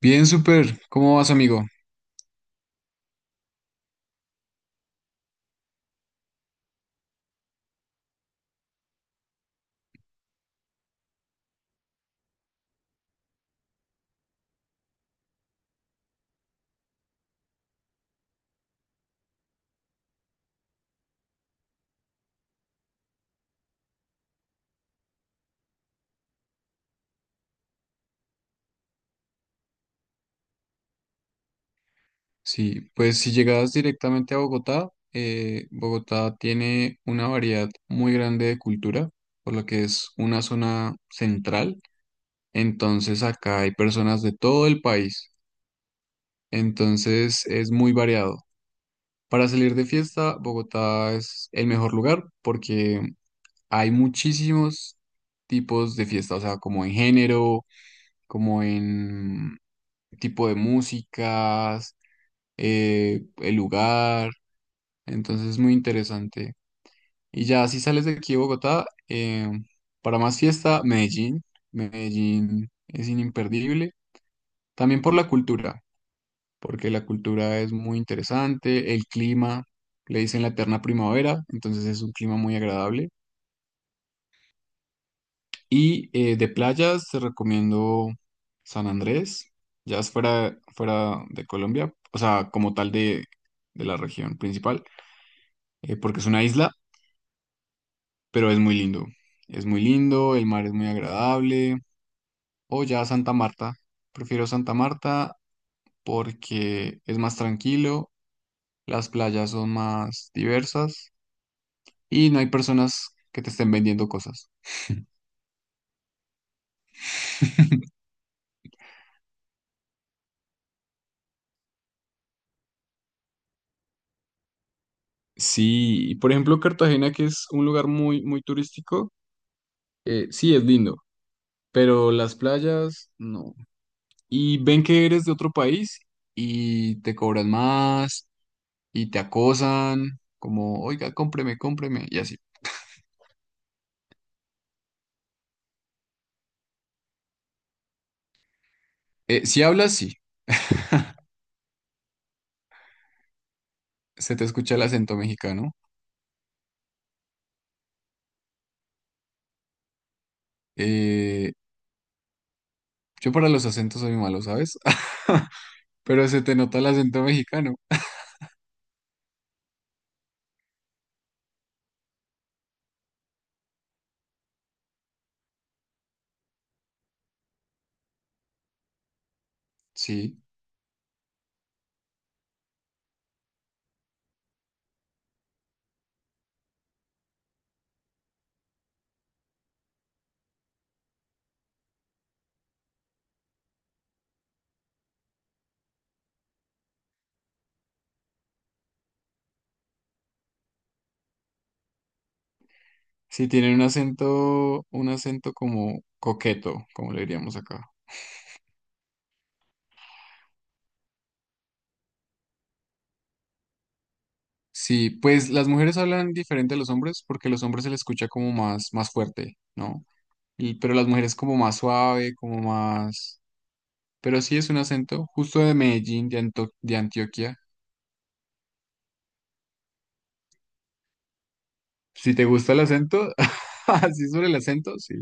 Bien, súper. ¿Cómo vas, amigo? Sí, pues si llegas directamente a Bogotá, Bogotá tiene una variedad muy grande de cultura, por lo que es una zona central. Entonces acá hay personas de todo el país. Entonces es muy variado. Para salir de fiesta, Bogotá es el mejor lugar porque hay muchísimos tipos de fiesta, o sea, como en género, como en tipo de músicas el lugar, entonces es muy interesante. Y ya, si sales de aquí de Bogotá, para más fiesta, Medellín. Medellín es imperdible, también por la cultura, porque la cultura es muy interesante, el clima, le dicen la eterna primavera, entonces es un clima muy agradable. Y de playas te recomiendo San Andrés, ya es fuera de Colombia, o sea, como tal de la región principal, porque es una isla pero es muy lindo. Es muy lindo, el mar es muy agradable. O ya Santa Marta. Prefiero Santa Marta porque es más tranquilo, las playas son más diversas y no hay personas que te estén vendiendo cosas. Sí, y por ejemplo, Cartagena, que es un lugar muy turístico, sí es lindo, pero las playas no. Y ven que eres de otro país y te cobran más y te acosan, como, oiga, cómpreme, cómpreme, y así. Si hablas, sí. Se te escucha el acento mexicano. Eh, yo para los acentos soy malo, ¿sabes? Pero se te nota el acento mexicano. Sí, sí, tienen un acento como coqueto, como le diríamos acá. Sí, pues las mujeres hablan diferente a los hombres porque los hombres se les escucha como más fuerte, ¿no? Y, pero las mujeres como más suave, como más... Pero sí es un acento justo de Medellín, de Antioquia. Si te gusta el acento, así sobre el acento, sí.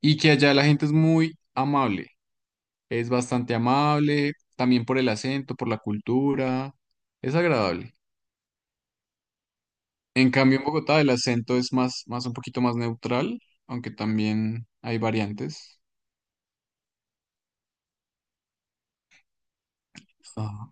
Y que allá la gente es muy amable, es bastante amable, también por el acento, por la cultura, es agradable. En cambio, en Bogotá el acento es más un poquito más neutral, aunque también hay variantes. Ajá.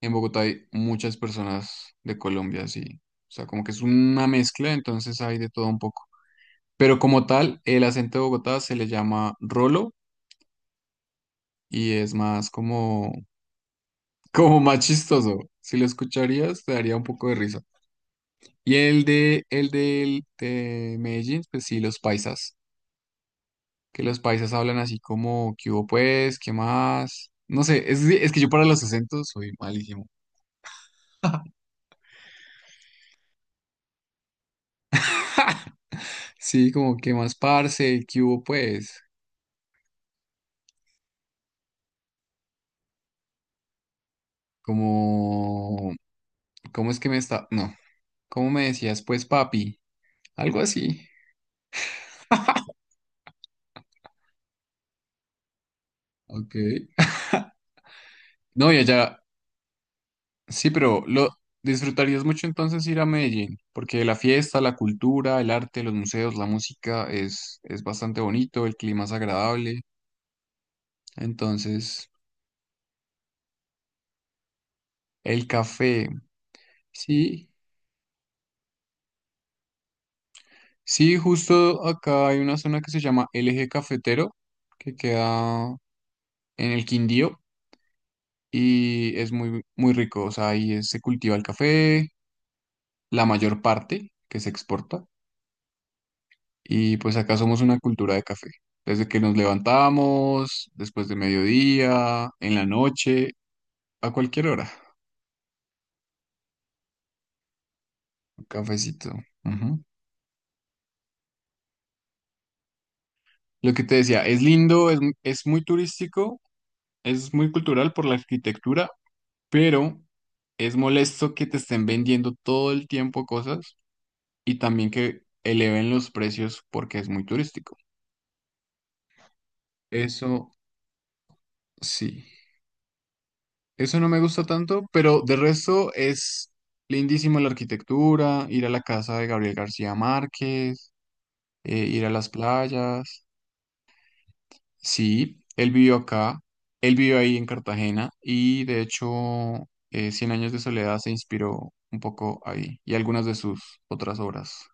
En Bogotá hay muchas personas de Colombia, sí. O sea, como que es una mezcla, entonces hay de todo un poco. Pero como tal, el acento de Bogotá se le llama rolo y es más como. Como más chistoso. Si lo escucharías, te daría un poco de risa. Y el de Medellín, pues sí, los paisas. Que los paisas hablan así como, ¿qué hubo pues? ¿Qué más? No sé, es que yo para los acentos soy malísimo. Sí, como, ¿qué más, parce? ¿Qué hubo pues? Como, ¿cómo es que me está? No, ¿cómo me decías pues, papi? Algo así. Ok. No, y allá, sí, pero lo disfrutarías mucho entonces ir a Medellín, porque la fiesta, la cultura, el arte, los museos, la música es bastante bonito, el clima es agradable. Entonces, el café, sí, sí, justo acá hay una zona que se llama el Eje Cafetero, que queda en el Quindío y es muy rico. O sea, se cultiva el café, la mayor parte que se exporta. Y pues acá somos una cultura de café. Desde que nos levantamos, después de mediodía, en la noche, a cualquier hora, un cafecito. Ujú. Lo que te decía, es lindo, es muy turístico, es muy cultural por la arquitectura, pero es molesto que te estén vendiendo todo el tiempo cosas y también que eleven los precios porque es muy turístico. Eso sí. Eso no me gusta tanto, pero de resto es lindísimo la arquitectura, ir a la casa de Gabriel García Márquez, ir a las playas. Sí, él vivió acá, él vivió ahí en Cartagena y de hecho Cien años de soledad se inspiró un poco ahí y algunas de sus otras obras.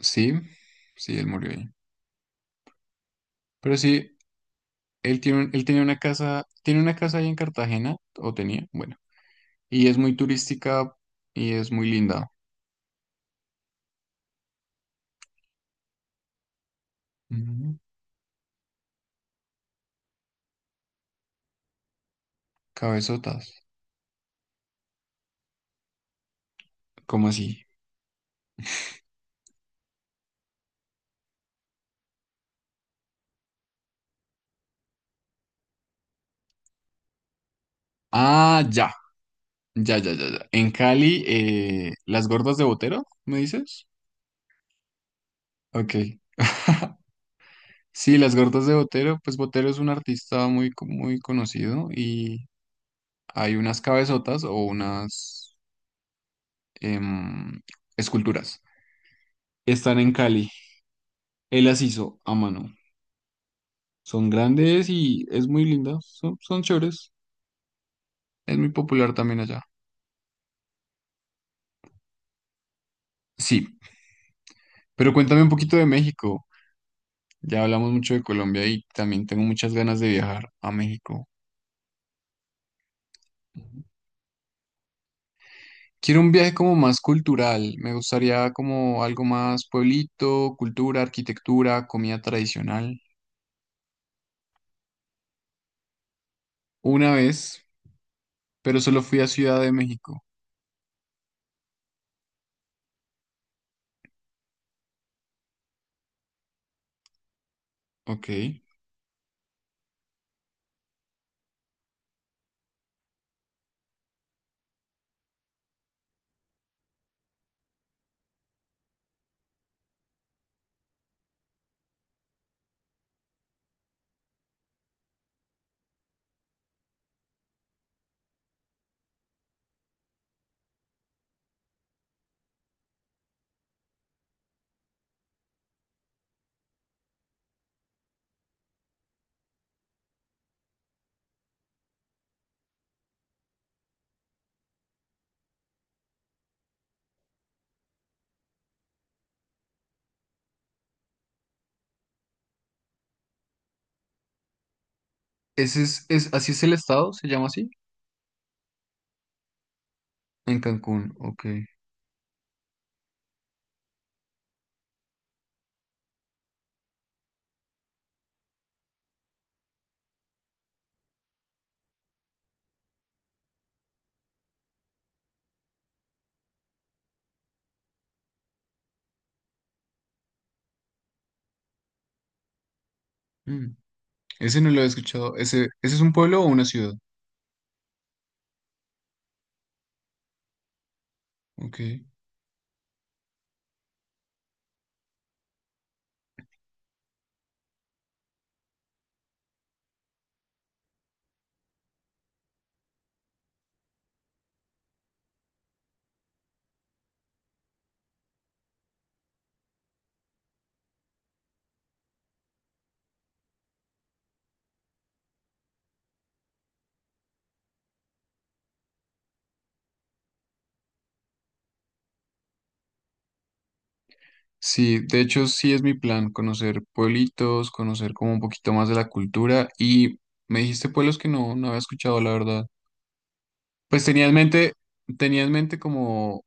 Sí, sí, él murió ahí. Pero sí, él tiene, él tenía una casa, tiene una casa ahí en Cartagena, o tenía, bueno, y es muy turística y es muy linda. Ujú. Cabezotas. ¿Cómo así? Ah, ya. Ya. En Cali, las gordas de Botero, ¿me dices? Ok. Sí, las gordas de Botero, pues Botero es un artista muy conocido y hay unas cabezotas o unas em, esculturas. Están en Cali. Él las hizo a mano. Son grandes y es muy linda. Son chéveres. Es muy popular también allá. Sí, pero cuéntame un poquito de México. Ya hablamos mucho de Colombia y también tengo muchas ganas de viajar a México. Quiero un viaje como más cultural, me gustaría como algo más pueblito, cultura, arquitectura, comida tradicional. Una vez, pero solo fui a Ciudad de México. Ok. Ese es, así es el estado, se llama así. En Cancún, ok. Mm, ese no lo he escuchado. Ese es un pueblo o una ciudad. Ok. Sí, de hecho sí es mi plan, conocer pueblitos, conocer como un poquito más de la cultura y me dijiste pueblos que no había escuchado, la verdad. Pues tenía en mente como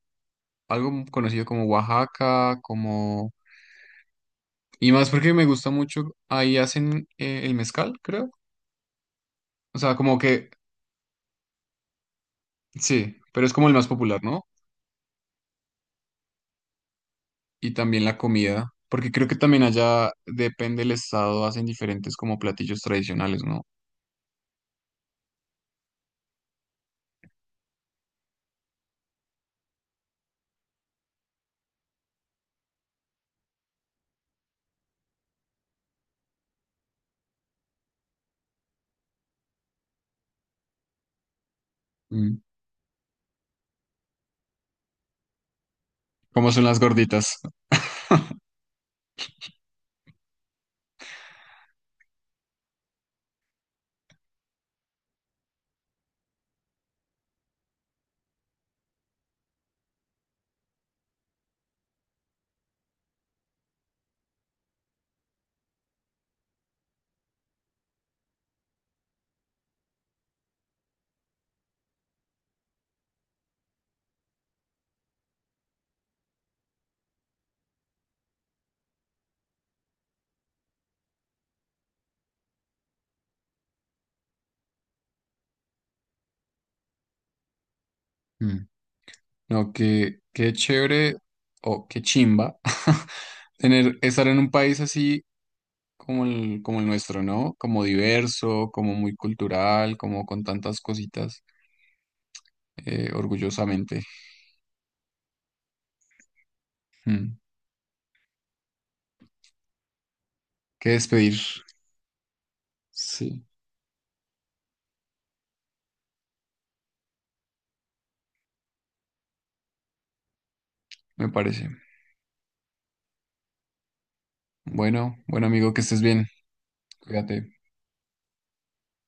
algo conocido como Oaxaca, como... Y más porque me gusta mucho, ahí hacen el mezcal, creo. O sea, como que sí, pero es como el más popular, ¿no? Y también la comida, porque creo que también allá, depende del estado, hacen diferentes como platillos tradicionales, ¿no? Mm, como son las gorditas. Mm. No, qué chévere o qué chimba tener, estar en un país así como como el nuestro, ¿no? Como diverso, como muy cultural, como con tantas cositas, orgullosamente. Mm. Qué despedir. Sí, me parece. Bueno, bueno amigo, que estés bien. Cuídate.